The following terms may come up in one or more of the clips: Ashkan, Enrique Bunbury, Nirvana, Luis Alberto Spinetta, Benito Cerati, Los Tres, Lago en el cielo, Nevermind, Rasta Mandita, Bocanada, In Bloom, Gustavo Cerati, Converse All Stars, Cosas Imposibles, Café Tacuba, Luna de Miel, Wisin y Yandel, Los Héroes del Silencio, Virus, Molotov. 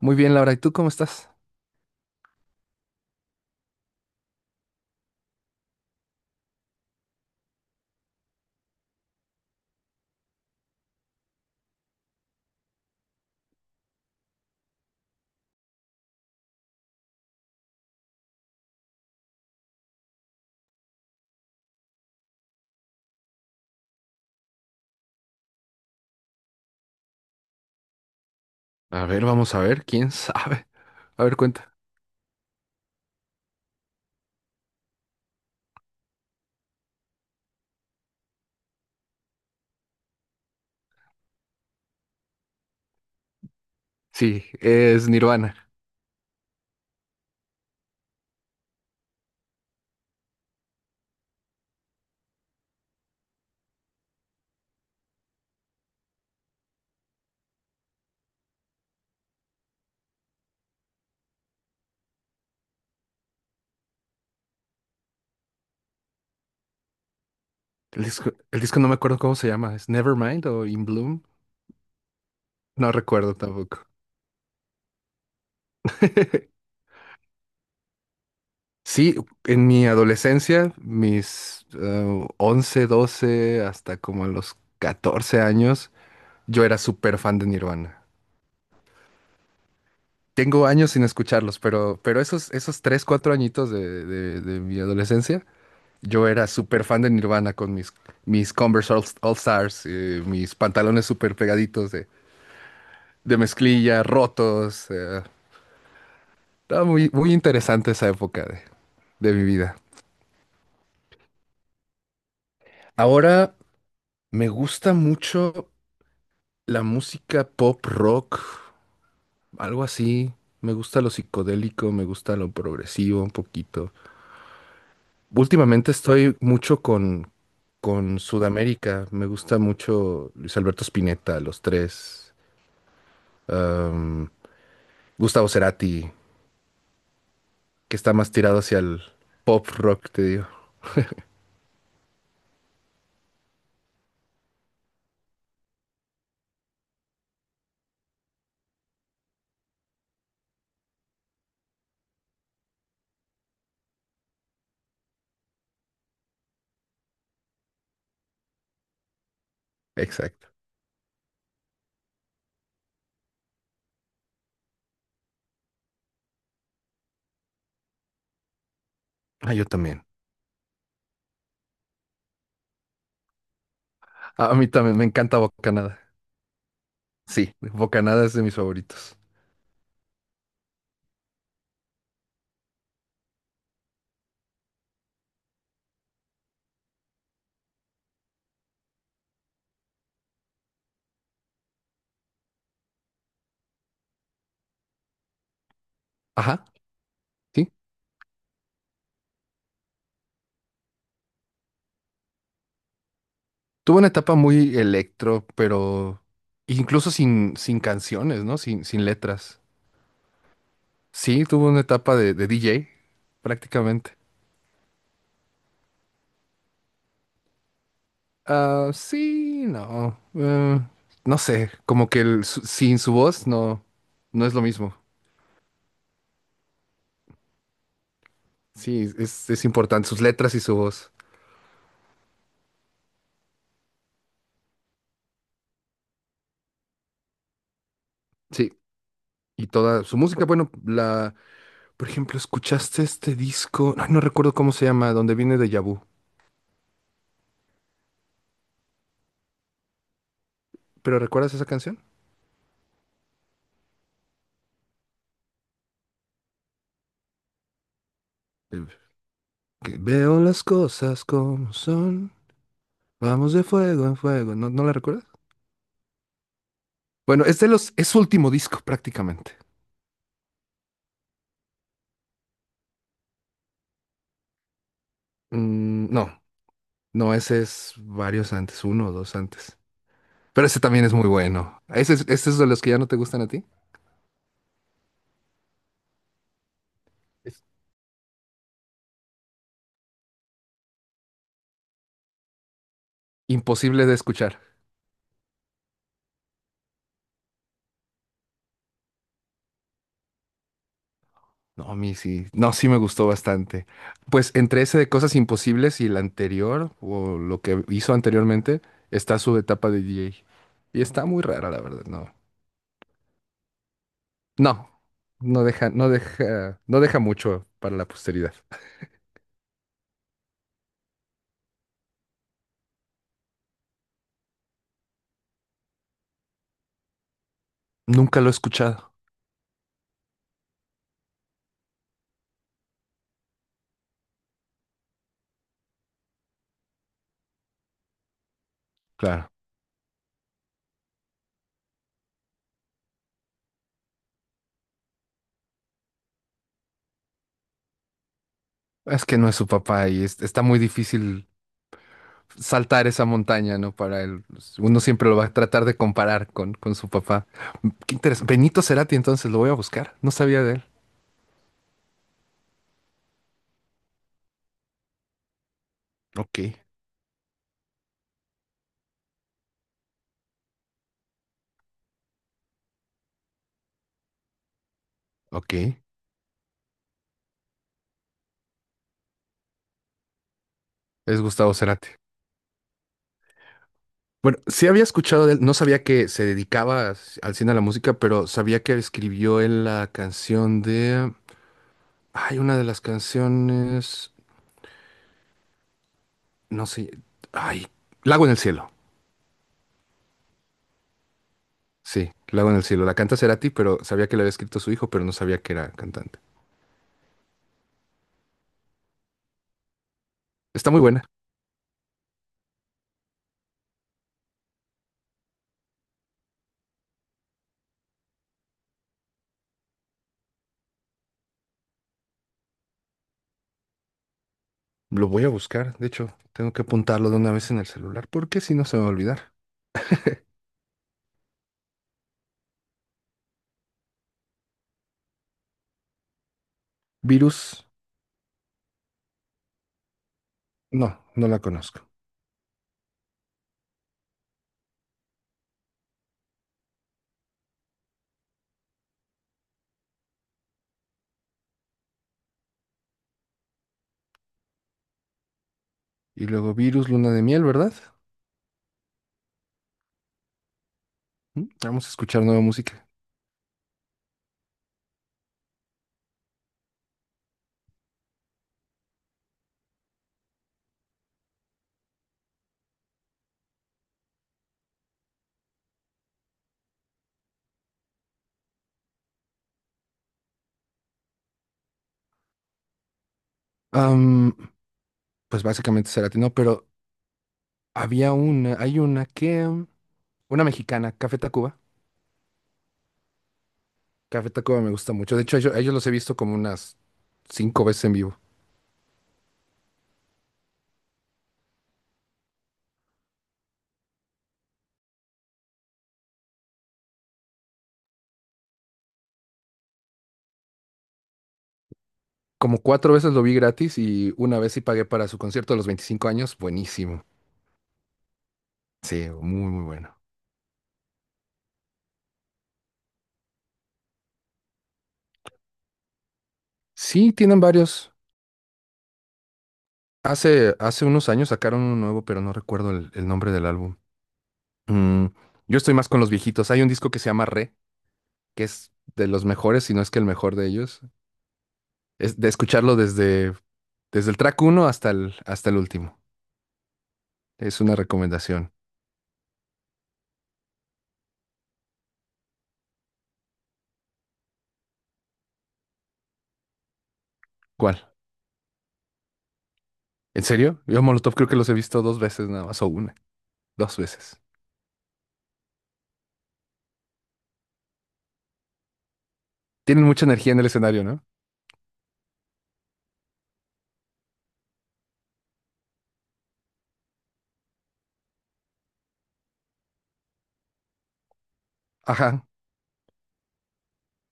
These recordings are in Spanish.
Muy bien, Laura, ¿y tú cómo estás? A ver, vamos a ver, quién sabe. A ver, cuenta. Sí, es Nirvana. El disco no me acuerdo cómo se llama. ¿Es Nevermind o In Bloom? No recuerdo tampoco. Sí, en mi adolescencia, mis 11, 12, hasta como a los 14 años, yo era súper fan de Nirvana. Tengo años sin escucharlos, pero esos 3 4 añitos de mi adolescencia. Yo era súper fan de Nirvana con mis Converse All Stars, mis pantalones súper pegaditos de mezclilla, rotos. Estaba muy, muy interesante esa época de mi vida. Ahora me gusta mucho la música pop rock, algo así. Me gusta lo psicodélico, me gusta lo progresivo un poquito. Últimamente estoy mucho con Sudamérica. Me gusta mucho Luis Alberto Spinetta, Los Tres. um, Gustavo Cerati, que está más tirado hacia el pop rock, te digo. Exacto. Ah, yo también. A mí también me encanta Bocanada. Sí, Bocanada es de mis favoritos. Ajá, sí. Tuvo una etapa muy electro, pero incluso sin canciones, ¿no? Sin letras. Sí, tuvo una etapa de DJ, prácticamente. Ah, sí, no. No sé, como que sin su voz no, no es lo mismo. Sí, es importante, sus letras y su voz. Sí. Y toda su música, bueno, la, por ejemplo, ¿escuchaste este disco? Ay, no recuerdo cómo se llama, donde viene de Vu. ¿Pero recuerdas esa canción? El que veo las cosas como son, vamos de fuego en fuego. ¿No, no la recuerdas? Bueno, es su último disco prácticamente. Mm, no, no, ese es varios antes, uno o dos antes. Pero ese también es muy bueno. ¿Ese es de los que ya no te gustan a ti? Es imposible de escuchar. No, a mí sí. No, sí me gustó bastante. Pues entre ese de Cosas Imposibles y el anterior, o lo que hizo anteriormente, está su etapa de DJ. Y está muy rara, la verdad, no. No, no deja mucho para la posteridad. Nunca lo he escuchado. Claro. Es que no es su papá y está muy difícil saltar esa montaña, ¿no? Para él. Pues, uno siempre lo va a tratar de comparar con su papá. Qué interesante. Benito Cerati, entonces lo voy a buscar. No sabía de él. Ok, ok. Es Gustavo Cerati. Bueno, sí había escuchado de él, no sabía que se dedicaba al cine a la música, pero sabía que escribió él la canción de... Hay una de las canciones, no sé, ay, Lago en el cielo. Sí, Lago en el cielo. La canta Cerati, pero sabía que la había escrito su hijo, pero no sabía que era cantante. Está muy buena. Lo voy a buscar, de hecho, tengo que apuntarlo de una vez en el celular, porque si no se me va a olvidar. Virus, no, no la conozco. Y luego Virus, Luna de Miel, ¿verdad? Mm, vamos a escuchar nueva música. Pues básicamente se latino, pero hay una que, una mexicana, Café Tacuba. Café Tacuba me gusta mucho. De hecho, a ellos, los he visto como unas cinco veces en vivo. Como cuatro veces lo vi gratis y una vez sí pagué para su concierto de los 25 años. Buenísimo. Sí, muy, muy bueno. Sí, tienen varios. Hace unos años sacaron uno nuevo, pero no recuerdo el nombre del álbum. Mm, yo estoy más con los viejitos. Hay un disco que se llama Re, que es de los mejores, si no es que el mejor de ellos. Es de escucharlo desde el track uno hasta el último. Es una recomendación. ¿Cuál? ¿En serio? Yo a Molotov creo que los he visto dos veces nada más, o una, dos veces. Tienen mucha energía en el escenario, ¿no? Ajá.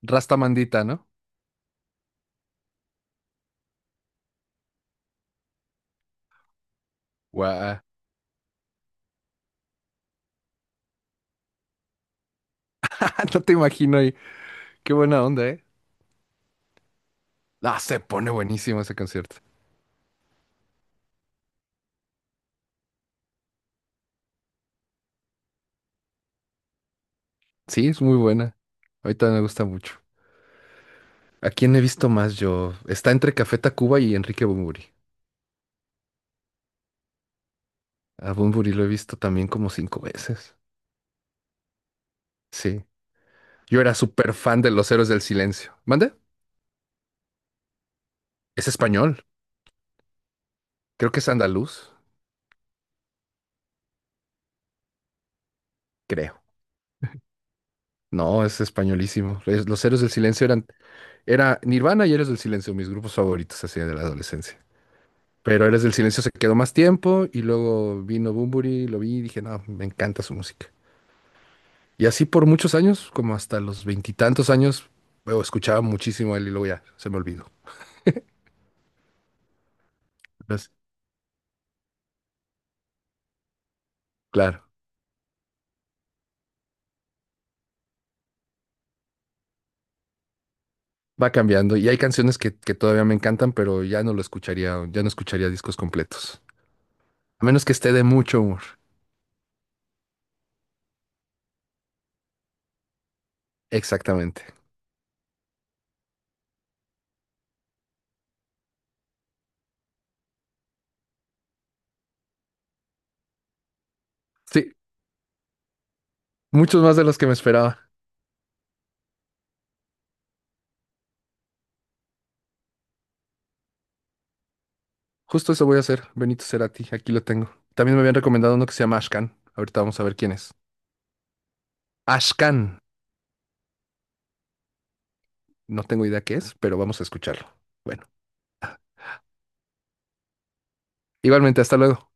Rasta Mandita, ¿no? Guau. No te imagino ahí. Qué buena onda, ¿eh? Ah, se pone buenísimo ese concierto. Sí, es muy buena. Ahorita me gusta mucho. ¿A quién he visto más yo? Está entre Café Tacuba y Enrique Bunbury. A Bunbury lo he visto también como cinco veces. Sí. Yo era súper fan de Los Héroes del Silencio. ¿Mande? Es español. Creo que es andaluz. Creo. No, es españolísimo. Los Héroes del Silencio eran... Era Nirvana y Héroes del Silencio, mis grupos favoritos así de la adolescencia. Pero Héroes del Silencio se quedó más tiempo y luego vino Bunbury, lo vi y dije, no, me encanta su música. Y así por muchos años, como hasta los veintitantos años, luego escuchaba muchísimo a él y luego ya se me olvidó. Entonces, claro, va cambiando. Y hay canciones que todavía me encantan, pero ya no lo escucharía, ya no escucharía discos completos. A menos que esté de mucho humor. Exactamente. Sí, muchos más de los que me esperaba. Justo eso voy a hacer, Benito Cerati, aquí lo tengo. También me habían recomendado uno que se llama Ashkan. Ahorita vamos a ver quién es. Ashkan. No tengo idea qué es, pero vamos a escucharlo. Bueno, igualmente, hasta luego.